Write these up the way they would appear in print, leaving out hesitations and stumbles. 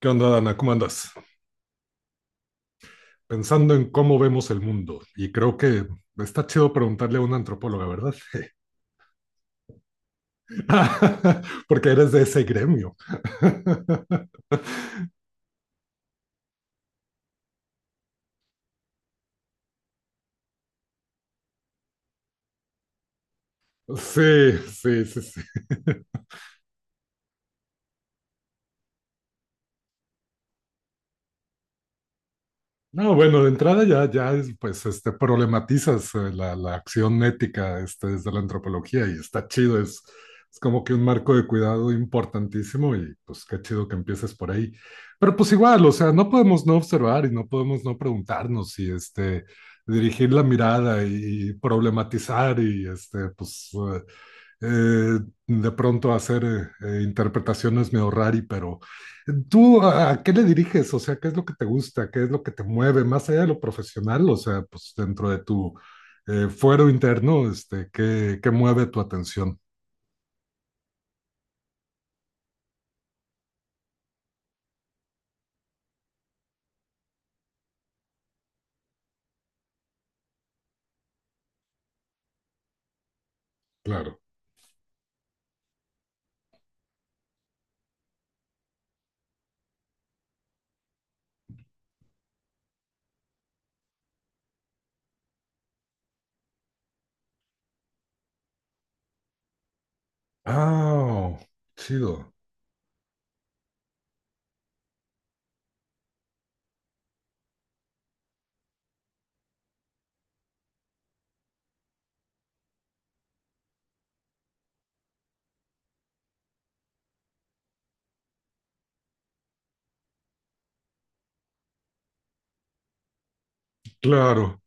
¿Qué onda, Dana? ¿Cómo andas? Pensando en cómo vemos el mundo. Y creo que está chido preguntarle a una antropóloga, ¿verdad? Porque eres de ese gremio. Sí, sí, sí, sí. No, bueno, de entrada ya es, pues, problematizas la acción ética, desde la antropología y está chido, es como que un marco de cuidado importantísimo, y pues qué chido que empieces por ahí. Pero pues igual, o sea, no podemos no observar y no podemos no preguntarnos y, dirigir la mirada y problematizar y eh, de pronto hacer interpretaciones medio rari, pero... ¿Tú a qué le diriges? O sea, ¿qué es lo que te gusta? ¿Qué es lo que te mueve? Más allá de lo profesional, o sea, pues dentro de tu, fuero interno, ¿qué mueve tu atención? Claro. Ah, oh, chido. Claro.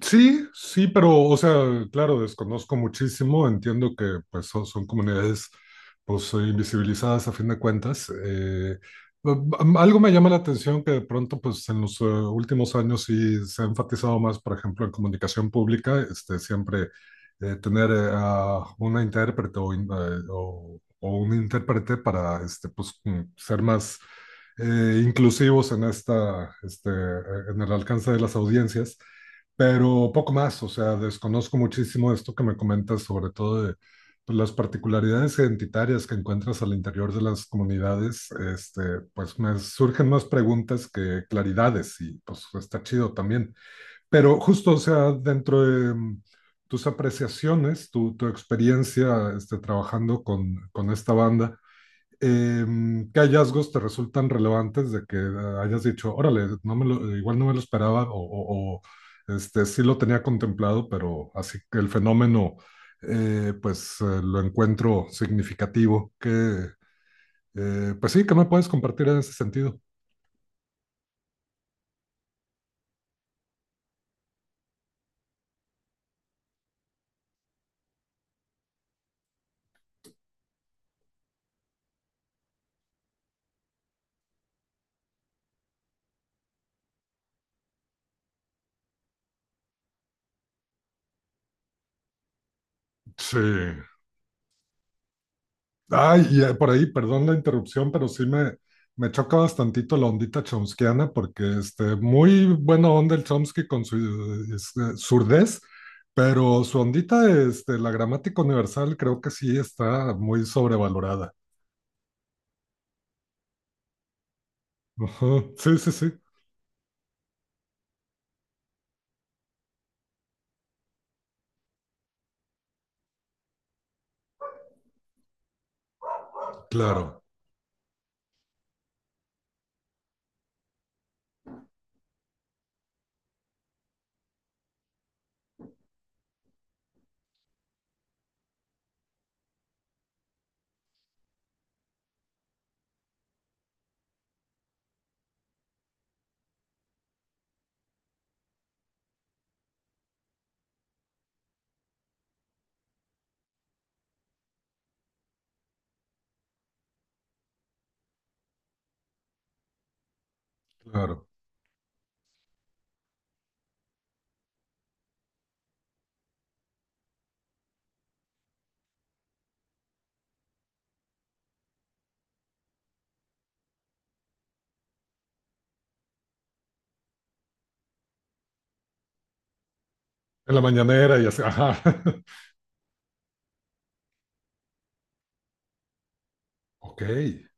Sí, sí, pero, o sea, claro, desconozco muchísimo, entiendo que pues son comunidades pues invisibilizadas a fin de cuentas. Algo me llama la atención que de pronto pues en los últimos años sí se ha enfatizado más, por ejemplo, en comunicación pública, siempre tener a una intérprete o un intérprete para, ser más inclusivos en el alcance de las audiencias, pero poco más, o sea, desconozco muchísimo esto que me comentas, sobre todo de pues, las particularidades identitarias que encuentras al interior de las comunidades, pues me surgen más preguntas que claridades y pues está chido también. Pero justo, o sea, dentro de tus apreciaciones, tu experiencia, trabajando con esta banda, ¿qué hallazgos te resultan relevantes de que hayas dicho, órale, igual no me lo esperaba, sí lo tenía contemplado, pero así que el fenómeno, lo encuentro significativo? Pues sí, ¿qué me puedes compartir en ese sentido? Sí. Ay, y por ahí, perdón la interrupción, pero sí me choca bastantito la ondita chomskiana, porque muy buena onda el Chomsky con su surdez, pero su ondita, la gramática universal, creo que sí está muy sobrevalorada. Ujú, sí, sí, sí, claro, claro. En la mañanera y así, ajá. Ok.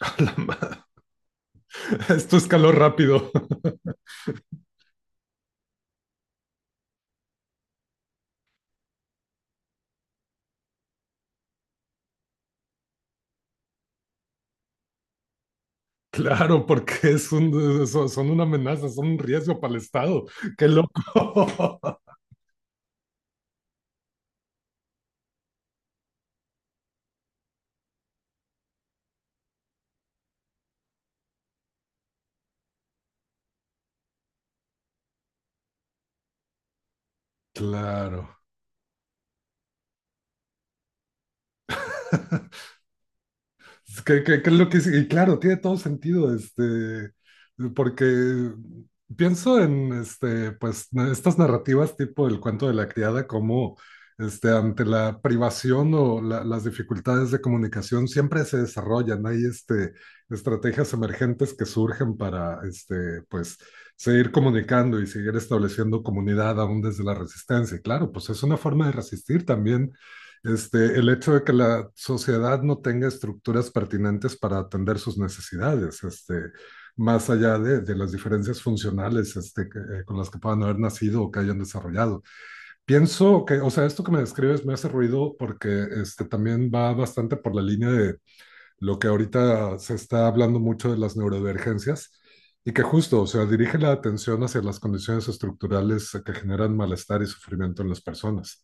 a la ma- esto escaló rápido. Claro, porque es un, son son una amenaza, son un riesgo para el Estado. Qué loco. Claro. Es que es lo que sí, y claro, tiene todo sentido, porque pienso en pues, estas narrativas tipo el cuento de la criada, como ante la privación o las dificultades de comunicación siempre se desarrollan. Hay estrategias emergentes que surgen para, pues, seguir comunicando y seguir estableciendo comunidad aún desde la resistencia. Y claro, pues es una forma de resistir también. El hecho de que la sociedad no tenga estructuras pertinentes para atender sus necesidades, más allá de, las diferencias funcionales, con las que puedan haber nacido o que hayan desarrollado. Pienso que, o sea, esto que me describes me hace ruido porque, también va bastante por la línea de lo que ahorita se está hablando mucho de las neurodivergencias. Y que justo, o sea, dirige la atención hacia las condiciones estructurales que generan malestar y sufrimiento en las personas.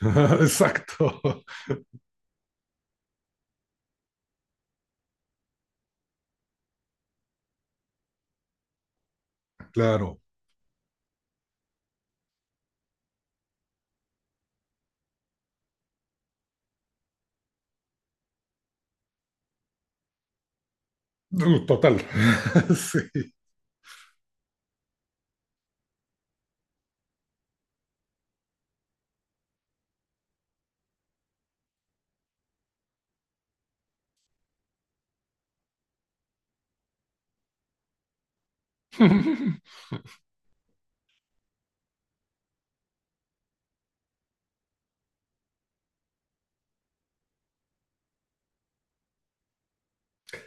Exacto, claro. Total. Sí.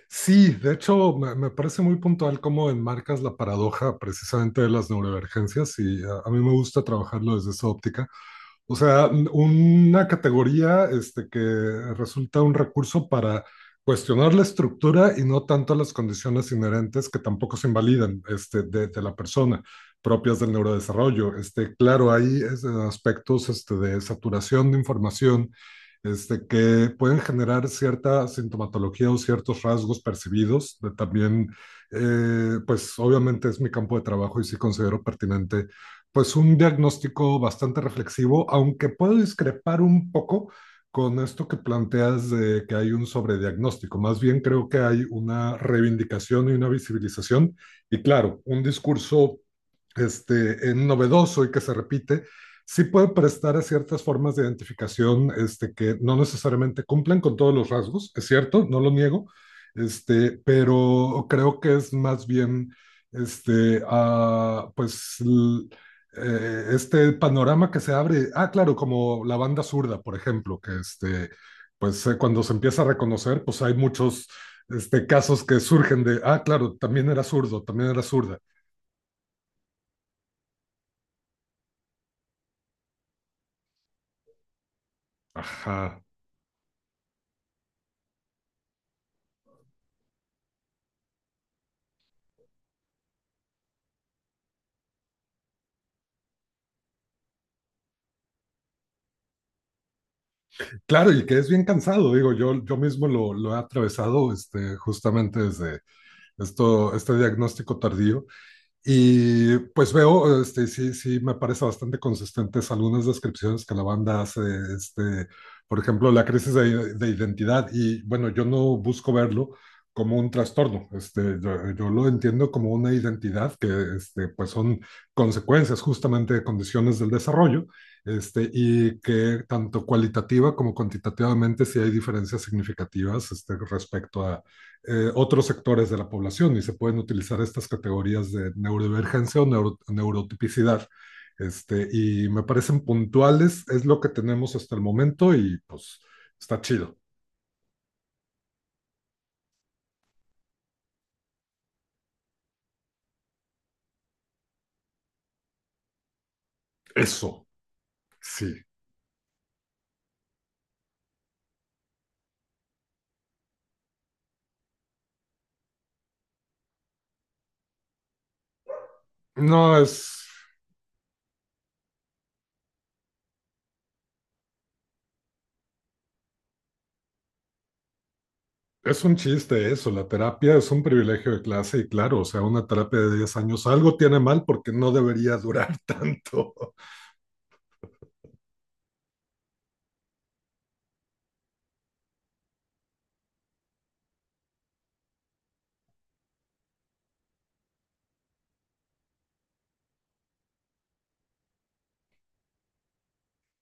Sí, de hecho, me parece muy puntual cómo enmarcas la paradoja precisamente de las neurodivergencias, y a mí me gusta trabajarlo desde esa óptica. O sea, una categoría, que resulta un recurso para cuestionar la estructura y no tanto las condiciones inherentes, que tampoco se invalidan, de la persona, propias del neurodesarrollo. Claro, hay aspectos, de saturación de información, que pueden generar cierta sintomatología o ciertos rasgos percibidos. De También, pues obviamente es mi campo de trabajo y sí considero pertinente pues un diagnóstico bastante reflexivo, aunque puedo discrepar un poco con esto que planteas de que hay un sobrediagnóstico. Más bien creo que hay una reivindicación y una visibilización, y claro, un discurso, novedoso, y que se repite, sí puede prestar a ciertas formas de identificación, que no necesariamente cumplen con todos los rasgos, es cierto, no lo niego, pero creo que es más bien, ah pues, este panorama que se abre, ah, claro, como la banda zurda, por ejemplo, que, cuando se empieza a reconocer, pues hay muchos casos que surgen de, ah, claro, también era zurdo, también era zurda. Ajá. Claro, y que es bien cansado, digo, yo mismo lo he atravesado, justamente desde este diagnóstico tardío. Y pues veo, sí, sí, me parece bastante consistentes algunas descripciones que la banda hace, este, por ejemplo, la crisis de identidad. Y bueno, yo no busco verlo como un trastorno, yo lo entiendo como una identidad que, pues son consecuencias justamente de condiciones del desarrollo, y que tanto cualitativa como cuantitativamente sí hay diferencias significativas, respecto a, otros sectores de la población, y se pueden utilizar estas categorías de neurodivergencia o neurotipicidad. Y me parecen puntuales, es lo que tenemos hasta el momento y pues está chido. Eso, sí. No es un chiste eso, la terapia es un privilegio de clase y claro, o sea, una terapia de 10 años algo tiene mal porque no debería durar tanto.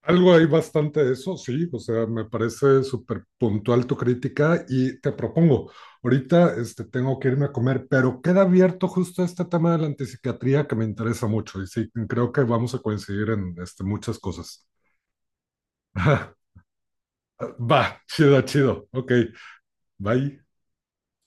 Algo hay bastante de eso, sí, o sea, me parece súper puntual tu crítica, y te propongo, ahorita, tengo que irme a comer, pero queda abierto justo este tema de la antipsiquiatría que me interesa mucho y sí, creo que vamos a coincidir en muchas cosas. Va, chido, chido, ok, bye.